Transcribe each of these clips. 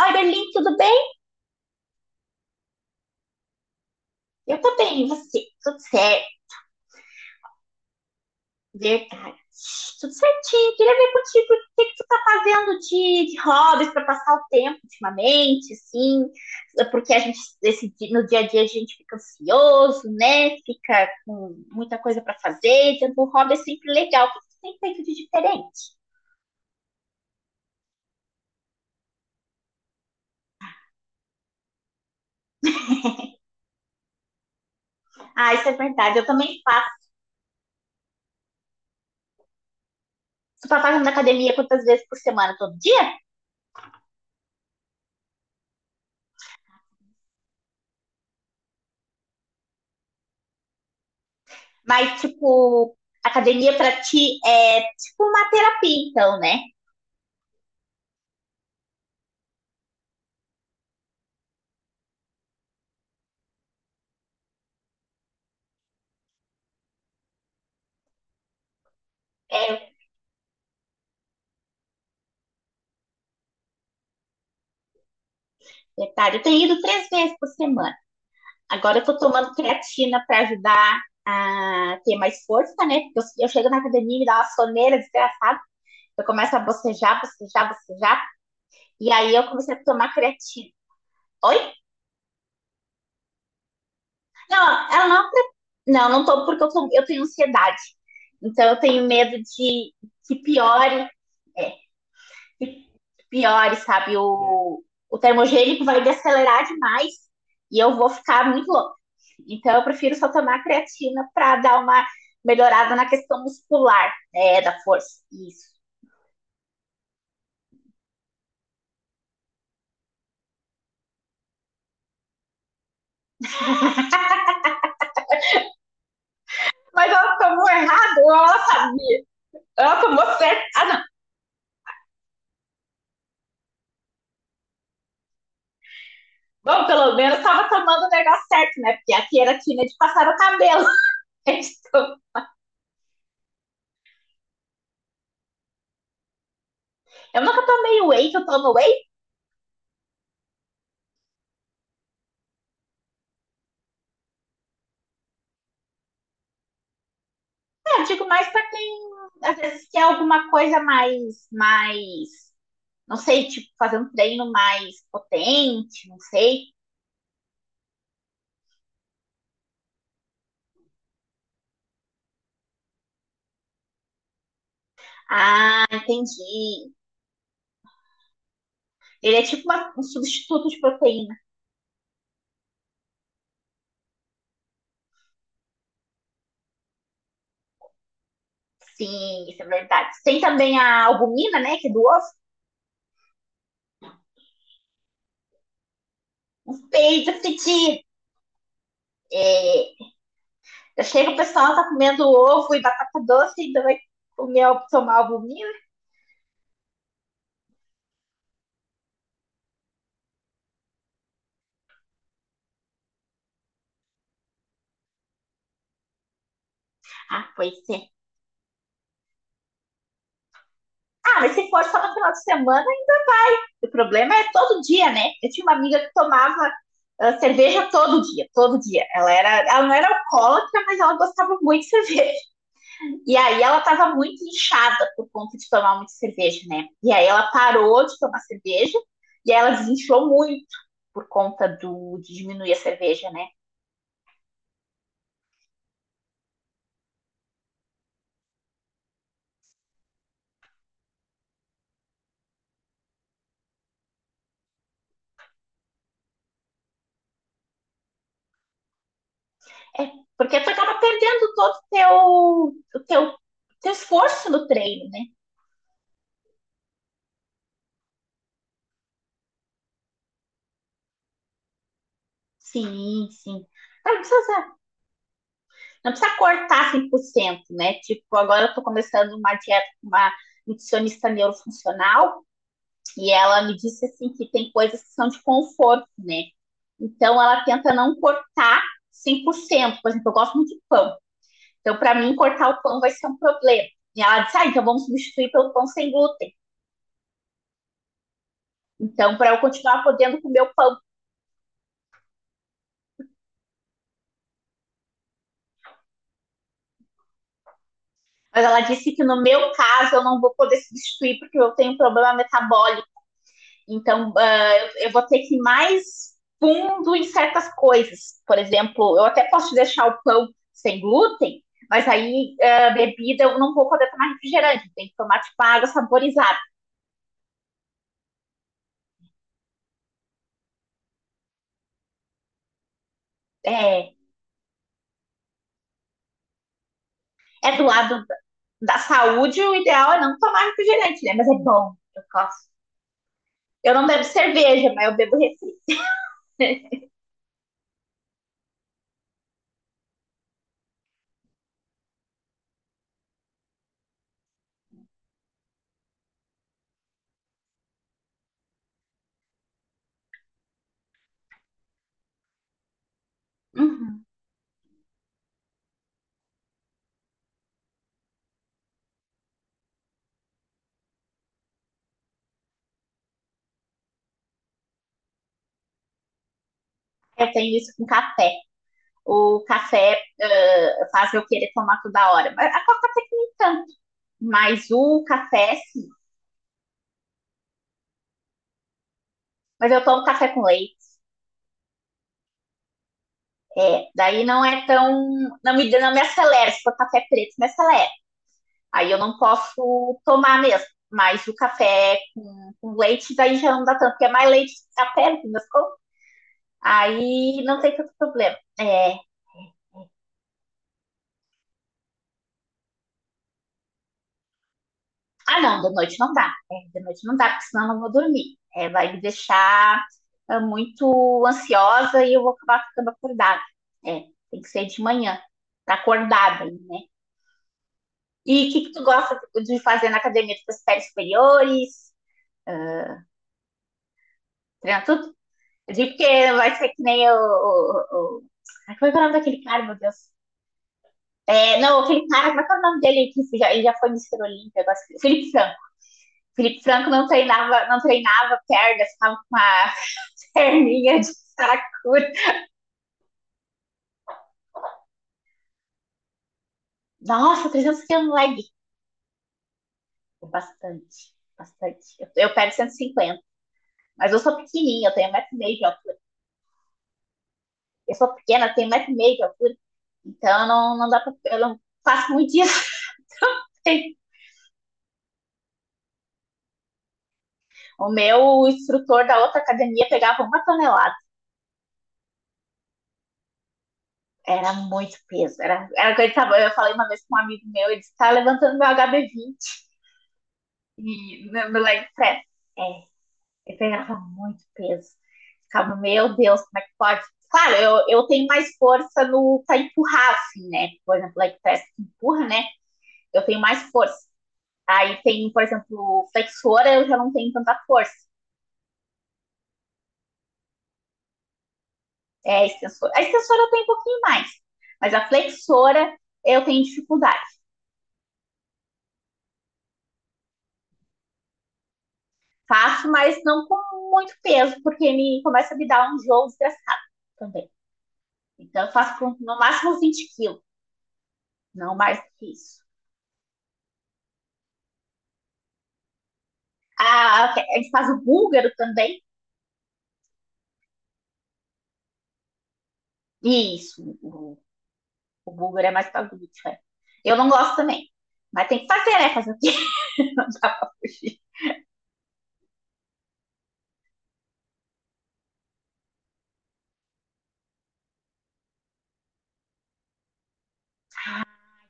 Oi, Berlim, tudo bem? Eu tô bem, e você? Tudo certo, verdade. Tudo certinho. Queria ver contigo o que que tu tá fazendo de hobbies pra passar o tempo ultimamente, assim, porque a gente, no dia a dia a gente fica ansioso, né? Fica com muita coisa para fazer, então o hobby é sempre legal. O que que tu tem feito de diferente? Ah, isso é verdade. Eu também faço. Tu tá fazendo academia quantas vezes por semana? Todo dia? Mas, tipo, academia pra ti é tipo uma terapia, então, né? É verdade. Eu tenho ido três vezes por semana. Agora eu tô tomando creatina para ajudar a ter mais força, né? Porque eu chego na academia e me dá uma soneira desgraçada. Eu começo a bocejar, bocejar, bocejar. E aí eu comecei a tomar creatina. Oi? Não, ela não. Não, não tô porque eu tenho ansiedade. Então eu tenho medo de que piore, é, piores, sabe? O termogênico vai desacelerar demais e eu vou ficar muito louca. Então, eu prefiro só tomar creatina para dar uma melhorada na questão muscular, né, da força. Isso. Mas ela tomou errado, ela sabia. Ela tomou certo. Ah, não. Bom, pelo menos estava tomando o negócio certo, né? Porque aqui era quina de passar o cabelo. Eu nunca tomei whey, que eu tomo whey. Eu digo mais para quem às vezes quer alguma coisa mais. Não sei, tipo, fazer um treino mais potente, não sei. Ah, entendi. Ele é tipo um substituto de proteína. Sim, isso é verdade. Tem também a albumina, né, que é do ovo. Não sei, já senti. É, já chega o pessoal tá comendo ovo e batata doce e ainda vai comer, tomar albumina. Ah, pois é. Ah, mas se for só no final de semana, o problema é todo dia, né? Eu tinha uma amiga que tomava cerveja todo dia, todo dia. Ela não era alcoólatra, mas ela gostava muito de cerveja. E aí ela estava muito inchada por conta de tomar muita cerveja, né? E aí ela parou de tomar cerveja e aí ela desinchou muito por conta de diminuir a cerveja, né? É, porque tu acaba perdendo todo o teu esforço no treino, né? Sim, sim. Não precisa, não precisa cortar 100%, né? Tipo, agora eu tô começando uma dieta com uma nutricionista neurofuncional. E ela me disse assim que tem coisas que são de conforto, né? Então ela tenta não cortar 100%. Por cento. Por exemplo, eu gosto muito de pão. Então para mim cortar o pão vai ser um problema. E ela disse: "Ah, então vamos substituir pelo pão sem glúten". Então para eu continuar podendo comer o pão. Mas ela disse que no meu caso eu não vou poder substituir porque eu tenho um problema metabólico. Então, eu, vou ter que ir mais fundo em certas coisas. Por exemplo, eu até posso deixar o pão sem glúten, mas aí bebida eu não vou poder tomar refrigerante, tem que tomar tipo água saborizada. É, é do lado da saúde, o ideal é não tomar refrigerante, né? Mas é bom, eu gosto. Eu não bebo cerveja, mas eu bebo refri. Uhum. Eu tenho isso com café. O café faz eu querer tomar toda hora. A coca até que nem tanto. Mas o café, sim, mas eu tomo café com leite. É, daí não é tão. Não me acelera. Se for café preto, me acelera. Aí eu não posso tomar mesmo. Mas o café com leite, daí já não dá tanto, porque é mais leite que café, no fim das contas. Aí não tem tanto problema. É, ah, não, de noite não dá. É, de noite não dá, porque senão eu não vou dormir. É, vai me deixar muito ansiosa e eu vou acabar ficando acordada. É, tem que ser de manhã, tá acordada, né? E o que, que tu gosta de fazer na academia? Tu faz séries superiores? Uh, treina tudo? Eu digo porque vai ser que nem o. Ai, como é que é o nome daquele cara, meu Deus? É, não, aquele cara, como é que é o nome dele? Ele já foi Mister Olímpia. Agora... Felipe Franco. Felipe Franco não treinava perna, ficava com uma perninha de saracura. Nossa, 300 quilos leg. Bastante, bastante. Eu pego 150. Mas eu sou pequenininha, eu tenho 15 meio de altura. Eu sou pequena, eu tenho 15 meio de altura. Então, não, não dá pra, eu não faço muito isso. O meu instrutor da outra academia pegava uma tonelada. Era muito peso. Era que ele tava, eu falei uma vez com um amigo meu, ele disse, tá levantando meu HB20 e, no leg press. É, ele pegava muito peso. Ficava, meu Deus, como é que pode? Claro, eu tenho mais força no pra empurrar, assim, né? Por exemplo, leg press que empurra, né? Eu tenho mais força. Aí tem, por exemplo, flexora, eu já não tenho tanta força. É a extensora. A extensora eu tenho um pouquinho mais, mas a flexora eu tenho dificuldade. Faço, mas não com muito peso, porque me começa a me dar um jogo desgraçado também. Então eu faço com no máximo 20 quilos, não mais do que isso. Ah, ok, a gente faz o búlgaro também. Isso, o búlgaro é mais para glúteo, é. Eu não gosto também. Mas tem que fazer, né? Fazer o quê? Não dá pra fugir.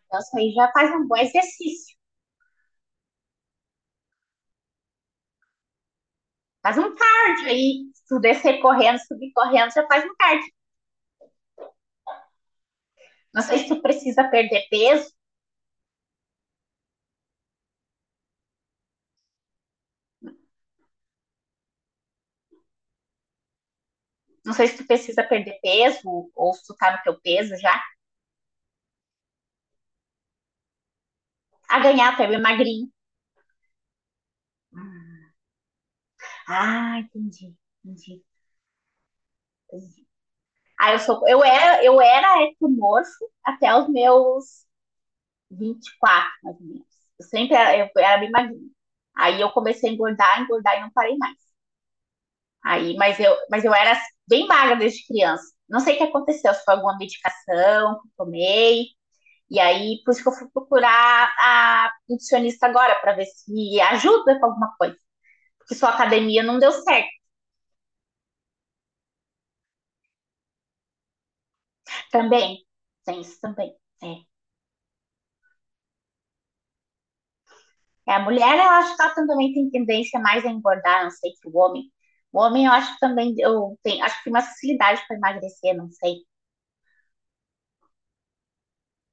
Então, isso aí já faz um bom exercício. Faz um cardio aí. Se tu descer correndo, subir correndo, já faz um cardio. Não sei se tu precisa perder peso, não sei se tu precisa perder peso ou se tu tá no teu peso já. A ganhar, tu é bem magrinho. Ah, entendi, entendi, entendi. Ah, eu era ectomorfo até os meus 24, mais ou menos. Eu sempre era, eu era bem magrinho. Aí eu comecei a engordar, engordar e não parei mais. Aí, mas eu era bem magra desde criança. Não sei o que aconteceu, se foi alguma medicação que eu tomei. E aí, por isso que eu fui procurar a nutricionista agora, para ver se ajuda com alguma coisa. Porque sua academia não deu certo também. Tem isso também. É. É a mulher, eu acho que ela também tem tendência mais a engordar, não sei, que o homem. O homem, eu acho que também eu tenho, acho que tem mais facilidade para emagrecer, não sei.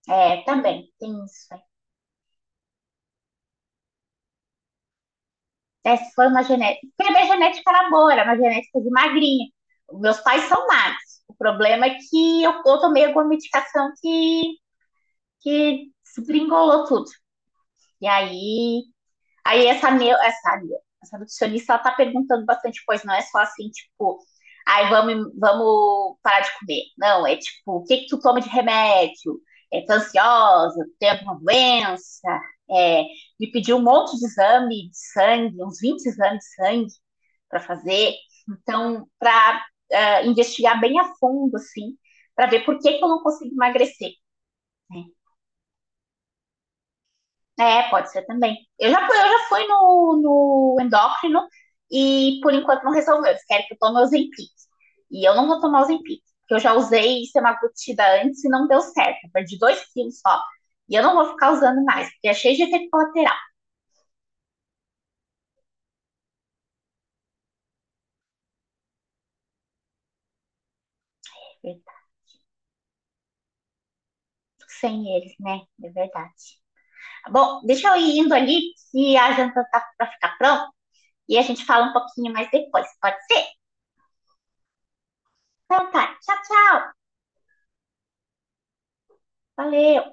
É, também, tem isso. É, se foi uma genética. Porque a minha genética era boa, era uma genética de magrinha. Meus pais são magros. O problema é que eu tomei alguma medicação que desgringolou tudo. E aí, essa nutricionista, ela tá perguntando bastante coisa, não é só assim, tipo, ai, vamos parar de comer. Não, é tipo, o que que tu toma de remédio? É, tá ansiosa? Tem alguma doença? É, me pediu um monte de exame de sangue, uns 20 exames de sangue para fazer. Então, para investigar bem a fundo, assim, para ver por que eu não consigo emagrecer. Né? É, pode ser também. Eu já fui no endócrino e por enquanto não resolveu. Eles querem que eu tome Ozempic. E eu não vou tomar Ozempic, porque eu já usei semaglutida antes e não deu certo. Eu perdi 2 quilos só. E eu não vou ficar usando mais, porque é cheio de efeito colateral. Sem eles, né? É verdade. Bom, deixa eu ir indo ali, que a janta tá pra ficar pronta. E a gente fala um pouquinho mais depois, pode ser? Então tá, tchau, tchau. Valeu.